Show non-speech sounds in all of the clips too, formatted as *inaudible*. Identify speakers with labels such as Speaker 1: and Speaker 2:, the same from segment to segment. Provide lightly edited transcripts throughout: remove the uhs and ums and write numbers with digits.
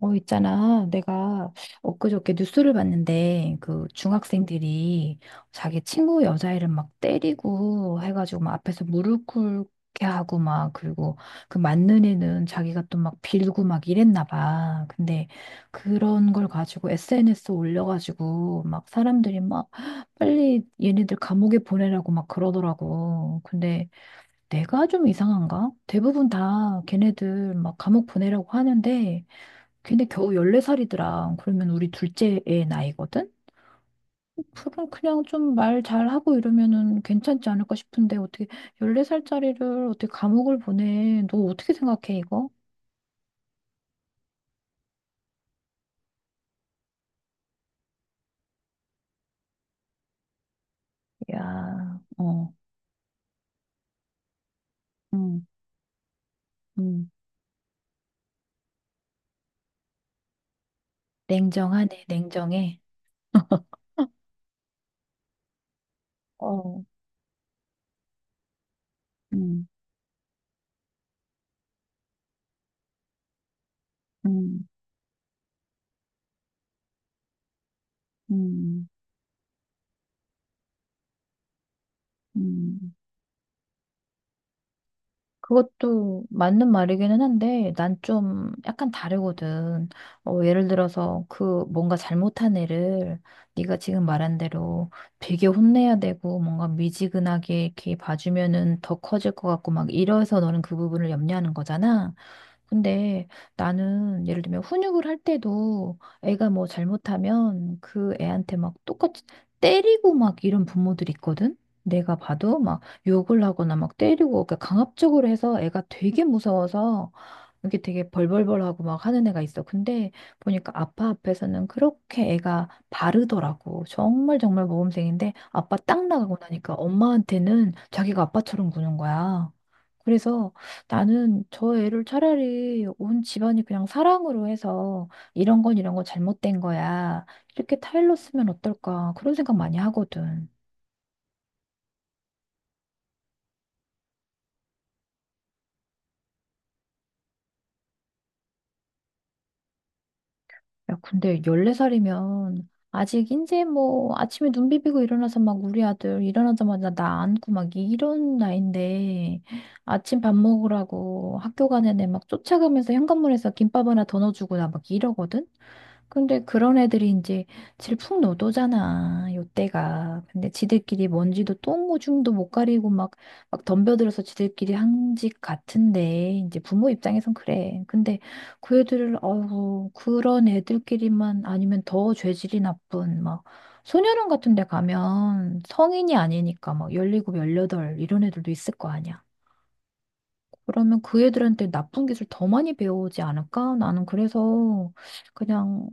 Speaker 1: 어, 있잖아. 내가 엊그저께 뉴스를 봤는데, 그 중학생들이 자기 친구 여자애를 막 때리고 해가지고 막 앞에서 무릎 꿇게 하고 막, 그리고 그 맞는 애는 자기가 또 막 빌고 막 이랬나 봐. 근데 그런 걸 가지고 SNS 올려가지고 막 사람들이 막 빨리 얘네들 감옥에 보내라고 막 그러더라고. 근데 내가 좀 이상한가? 대부분 다 걔네들 막 감옥 보내라고 하는데, 근데 겨우 14살이더라. 그러면 우리 둘째 애 나이거든? 그럼 그냥 좀 말 잘하고 이러면은 괜찮지 않을까 싶은데 어떻게 14살짜리를 어떻게 감옥을 보내? 너 어떻게 생각해, 이거? 야, 어, 음, 음. 냉정하네, 냉정해. 어, 음, 음, 음, 음. 그것도 맞는 말이기는 한데, 난 좀 약간 다르거든. 어, 예를 들어서 그 뭔가 잘못한 애를 네가 지금 말한 대로 되게 혼내야 되고 뭔가 미지근하게 이렇게 봐주면은 더 커질 것 같고 막 이래서 너는 그 부분을 염려하는 거잖아. 근데 나는 예를 들면 훈육을 할 때도 애가 뭐 잘못하면 그 애한테 막 똑같이 때리고 막 이런 부모들 있거든? 내가 봐도 막 욕을 하거나 막 때리고 그러니까 강압적으로 해서 애가 되게 무서워서 이게 되게 벌벌벌하고 막 하는 애가 있어. 근데 보니까 아빠 앞에서는 그렇게 애가 바르더라고. 정말 정말 모범생인데 아빠 딱 나가고 나니까 엄마한테는 자기가 아빠처럼 구는 거야. 그래서 나는 저 애를 차라리 온 집안이 그냥 사랑으로 해서 이런 건 이런 건 잘못된 거야. 이렇게 타일로 쓰면 어떨까? 그런 생각 많이 하거든. 야, 근데 14살이면 아직 이제 뭐 아침에 눈 비비고 일어나서 막 우리 아들 일어나자마자 나 안고 막 이런 나이인데 아침 밥 먹으라고 학교 가는 애 막 쫓아가면서 현관문에서 김밥 하나 더 넣어주고 나 막 이러거든? 근데 그런 애들이 이제 질풍노도잖아, 요때가. 근데 지들끼리 먼지도 똥오줌도 못 가리고 막, 막 덤벼들어서 지들끼리 한 짓 같은데, 이제 부모 입장에선 그래. 근데 그 애들을, 어우, 그런 애들끼리만 아니면 더 죄질이 나쁜, 막, 소년원 같은 데 가면 성인이 아니니까 막 17, 18 이런 애들도 있을 거 아니야. 그러면 그 애들한테 나쁜 기술 더 많이 배우지 않을까? 나는 그래서 그냥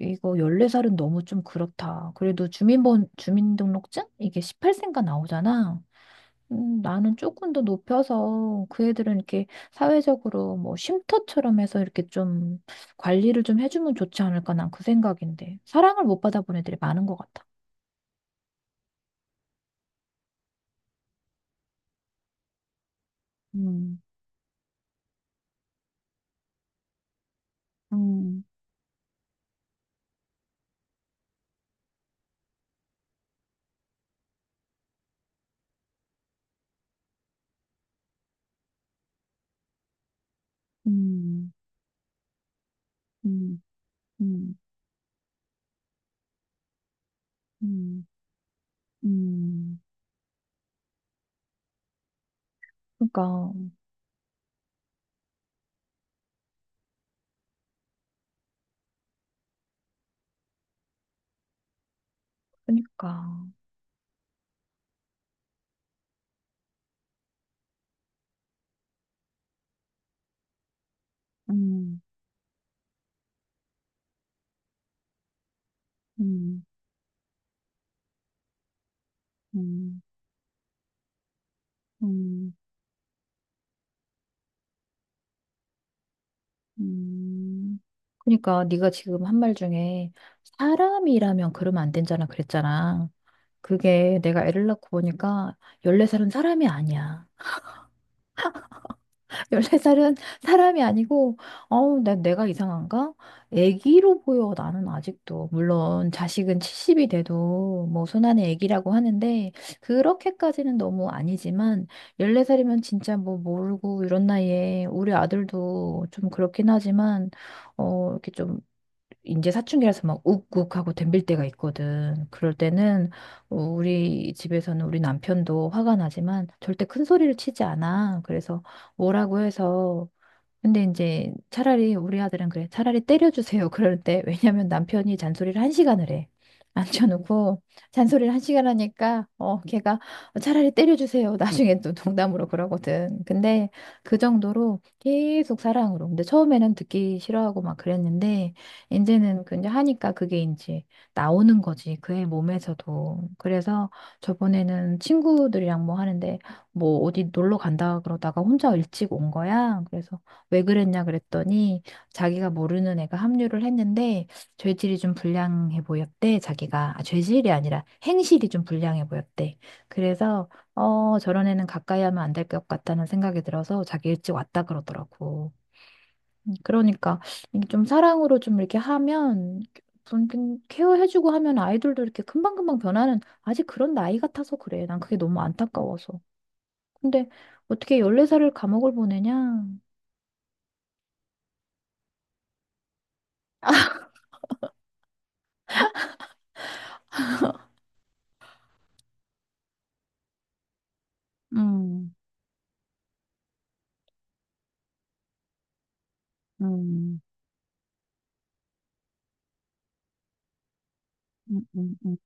Speaker 1: 이거 14살은 너무 좀 그렇다. 그래도 주민등록증? 이게 18세인가 나오잖아. 나는 조금 더 높여서 그 애들은 이렇게 사회적으로 뭐 쉼터처럼 해서 이렇게 좀 관리를 좀 해주면 좋지 않을까? 난 그 생각인데. 사랑을 못 받아본 애들이 많은 것 같아. 음, 음, 음, 음, 음, 음, 음. 그러니까. 그러니까. 음, 음, 음, 음, 음. 그러니까 네가 지금 한 말 중에 사람이라면 그러면 안 된잖아 그랬잖아. 그게 내가 애를 낳고 보니까 14살은 사람이 아니야. 1네살은 사람이 아니고, 어우, 나, 내가 이상한가? 애기로 보여, 나는 아직도. 물론, 자식은 70이 돼도, 뭐, 손안의 애기라고 하는데, 그렇게까지는 너무 아니지만, 14살이면 진짜 뭐, 모르고, 이런 나이에, 우리 아들도 좀 그렇긴 하지만, 어, 이렇게 좀 이제 사춘기라서 막 욱욱하고 덤빌 때가 있거든. 그럴 때는 어, 우리 집에서는 우리 남편도 화가 나지만 절대 큰 소리를 치지 않아. 그래서 뭐라고 해서 근데 이제 차라리 우리 아들은 그래. 차라리 때려주세요. *laughs* 그럴 때. 왜냐면 남편이 잔소리를 한 시간을 해. 앉혀놓고 잔소리를 한 시간 하니까 어 걔가 "어, 차라리 때려주세요. *laughs* 나중에 또 농담으로 그러거든. 근데 그 정도로 계속 사랑으로. 근데 처음에는 듣기 싫어하고 막 그랬는데 이제는 그냥 하니까 그게 이제 나오는 거지. 그의 몸에서도. 그래서 저번에는 친구들이랑 뭐 하는데 뭐 어디 놀러 간다 그러다가 혼자 일찍 온 거야. 그래서 왜 그랬냐 그랬더니 자기가 모르는 애가 합류를 했는데 죄질이 좀 불량해 보였대. 자기가 아, 죄질이 아니라 행실이 좀 불량해 보였대. 그래서 어 저런 애는 가까이 하면 안 될 것 같다는 생각이 들어서 자기 일찍 왔다 그러더라고. 그러니까 이게 좀 사랑으로 좀 이렇게 하면 좀 이렇게 케어해주고 하면 아이들도 이렇게 금방금방 변하는 아직 그런 나이 같아서 그래. 난 그게 너무 안타까워서. 근데 어떻게 14살을 감옥을 보내냐? 음, 음. 음, 음, 음.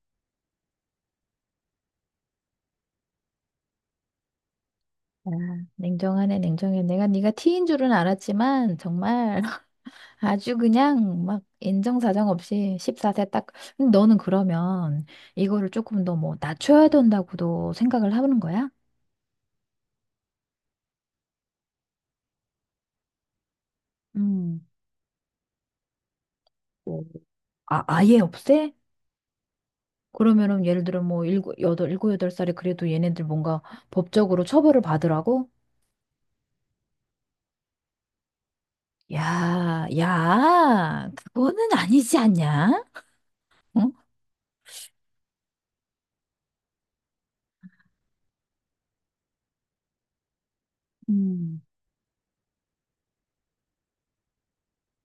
Speaker 1: 아, 냉정하네, 냉정해. 내가 네가 티인 줄은 알았지만 정말 *laughs* 아주 그냥 막 인정사정 없이 14세 딱. 근데 너는 그러면 이거를 조금 더 뭐 낮춰야 된다고도 생각을 하는 거야? 음. 오. 아, 아예 없애? 그러면은 예를 들어 뭐 일곱, 여덟, 일곱, 여덟 살이 그래도 얘네들 뭔가 법적으로 처벌을 받으라고? 야, 야, 그거는 아니지 않냐? 응? 음,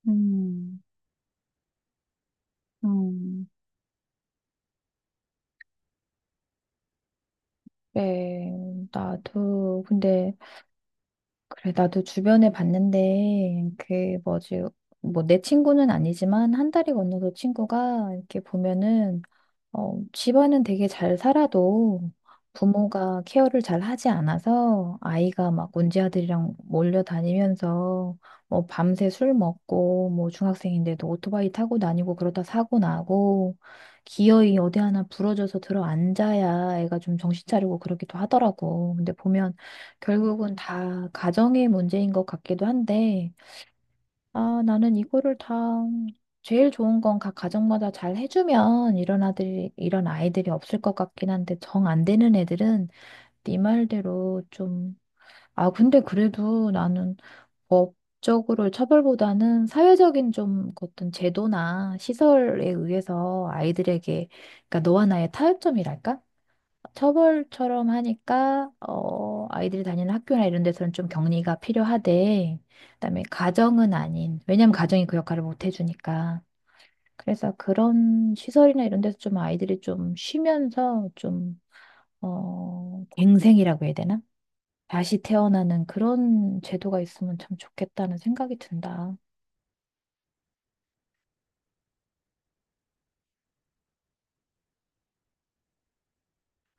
Speaker 1: 음, 음. 네, 나도, 근데, 그래, 나도 주변에 봤는데, 그, 뭐지, 뭐, 내 친구는 아니지만, 한 달이 건너서 친구가, 이렇게 보면은, 어, 집안은 되게 잘 살아도 부모가 케어를 잘 하지 않아서 아이가 막 문제 아들이랑 몰려다니면서 뭐 밤새 술 먹고 뭐 중학생인데도 오토바이 타고 다니고 그러다 사고 나고 기어이 어디 하나 부러져서 들어 앉아야 애가 좀 정신 차리고 그러기도 하더라고. 근데 보면 결국은 다 가정의 문제인 것 같기도 한데 아, 나는 이거를 다 제일 좋은 건 각 가정마다 잘 해주면 이런 아이들이 없을 것 같긴 한데 정 안 되는 애들은 네 말대로 좀, 아, 근데 그래도 나는 법적으로 처벌보다는 사회적인 좀 어떤 제도나 시설에 의해서 아이들에게, 그러니까 너와 나의 타협점이랄까? 처벌처럼 하니까 어, 아이들이 다니는 학교나 이런 데서는 좀 격리가 필요하대. 그다음에 가정은 아닌. 왜냐면 가정이 그 역할을 못 해주니까. 그래서 그런 시설이나 이런 데서 좀 아이들이 좀 쉬면서 좀 어, 갱생이라고 해야 되나? 다시 태어나는 그런 제도가 있으면 참 좋겠다는 생각이 든다.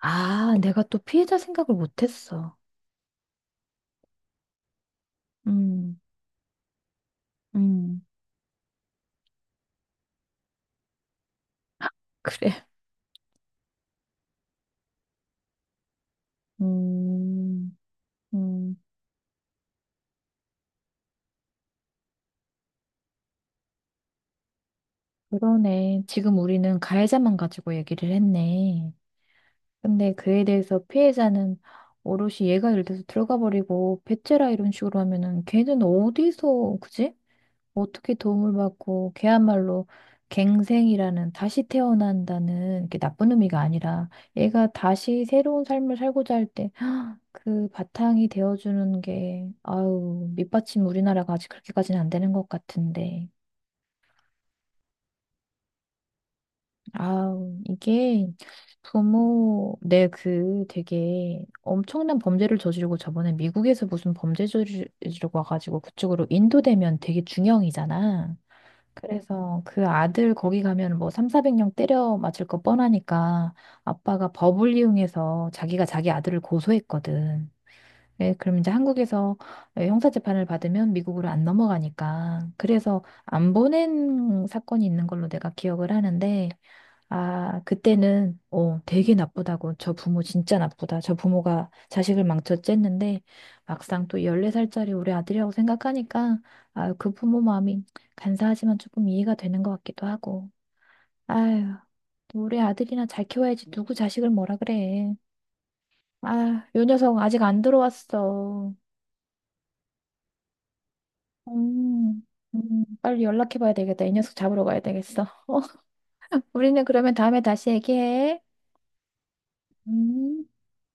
Speaker 1: 아, 내가 또 피해자 생각을 못했어. 음, 음, 그래. 음, 음. 그러네. 지금 우리는 가해자만 가지고 얘기를 했네. 근데 그에 대해서 피해자는 오롯이 얘가 예를 들어서 들어가 버리고 배째라 이런 식으로 하면은 걔는 어디서 그지? 어떻게 도움을 받고 걔야말로 갱생이라는 다시 태어난다는 이게 나쁜 의미가 아니라 얘가 다시 새로운 삶을 살고자 할 때 그 바탕이 되어주는 게 아유 밑받침 우리나라가 아직 그렇게까지는 안 되는 것 같은데. 아우, 이게 부모, 내 그 되게 엄청난 범죄를 저지르고 저번에 미국에서 무슨 범죄 저지르고 와가지고 그쪽으로 인도되면 되게 중형이잖아. 그래서 그 아들 거기 가면 뭐 3, 400명 때려 맞을 거 뻔하니까 아빠가 법을 이용해서 자기가 자기 아들을 고소했거든. 예, 그럼 이제 한국에서 예, 형사재판을 받으면 미국으로 안 넘어가니까. 그래서 안 보낸 사건이 있는 걸로 내가 기억을 하는데 아, 그때는, 어, 되게 나쁘다고. 저 부모 진짜 나쁘다. 저 부모가 자식을 망쳤쨌는데, 막상 또 14살짜리 우리 아들이라고 생각하니까, 아 그 부모 마음이 간사하지만 조금 이해가 되는 것 같기도 하고. 아유, 우리 아들이나 잘 키워야지. 누구 자식을 뭐라 그래. 아, 요 녀석 아직 안 들어왔어. 음, 빨리 연락해봐야 되겠다. 이 녀석 잡으러 가야 되겠어. *laughs* 우리는 그러면 다음에 다시 얘기해. 음.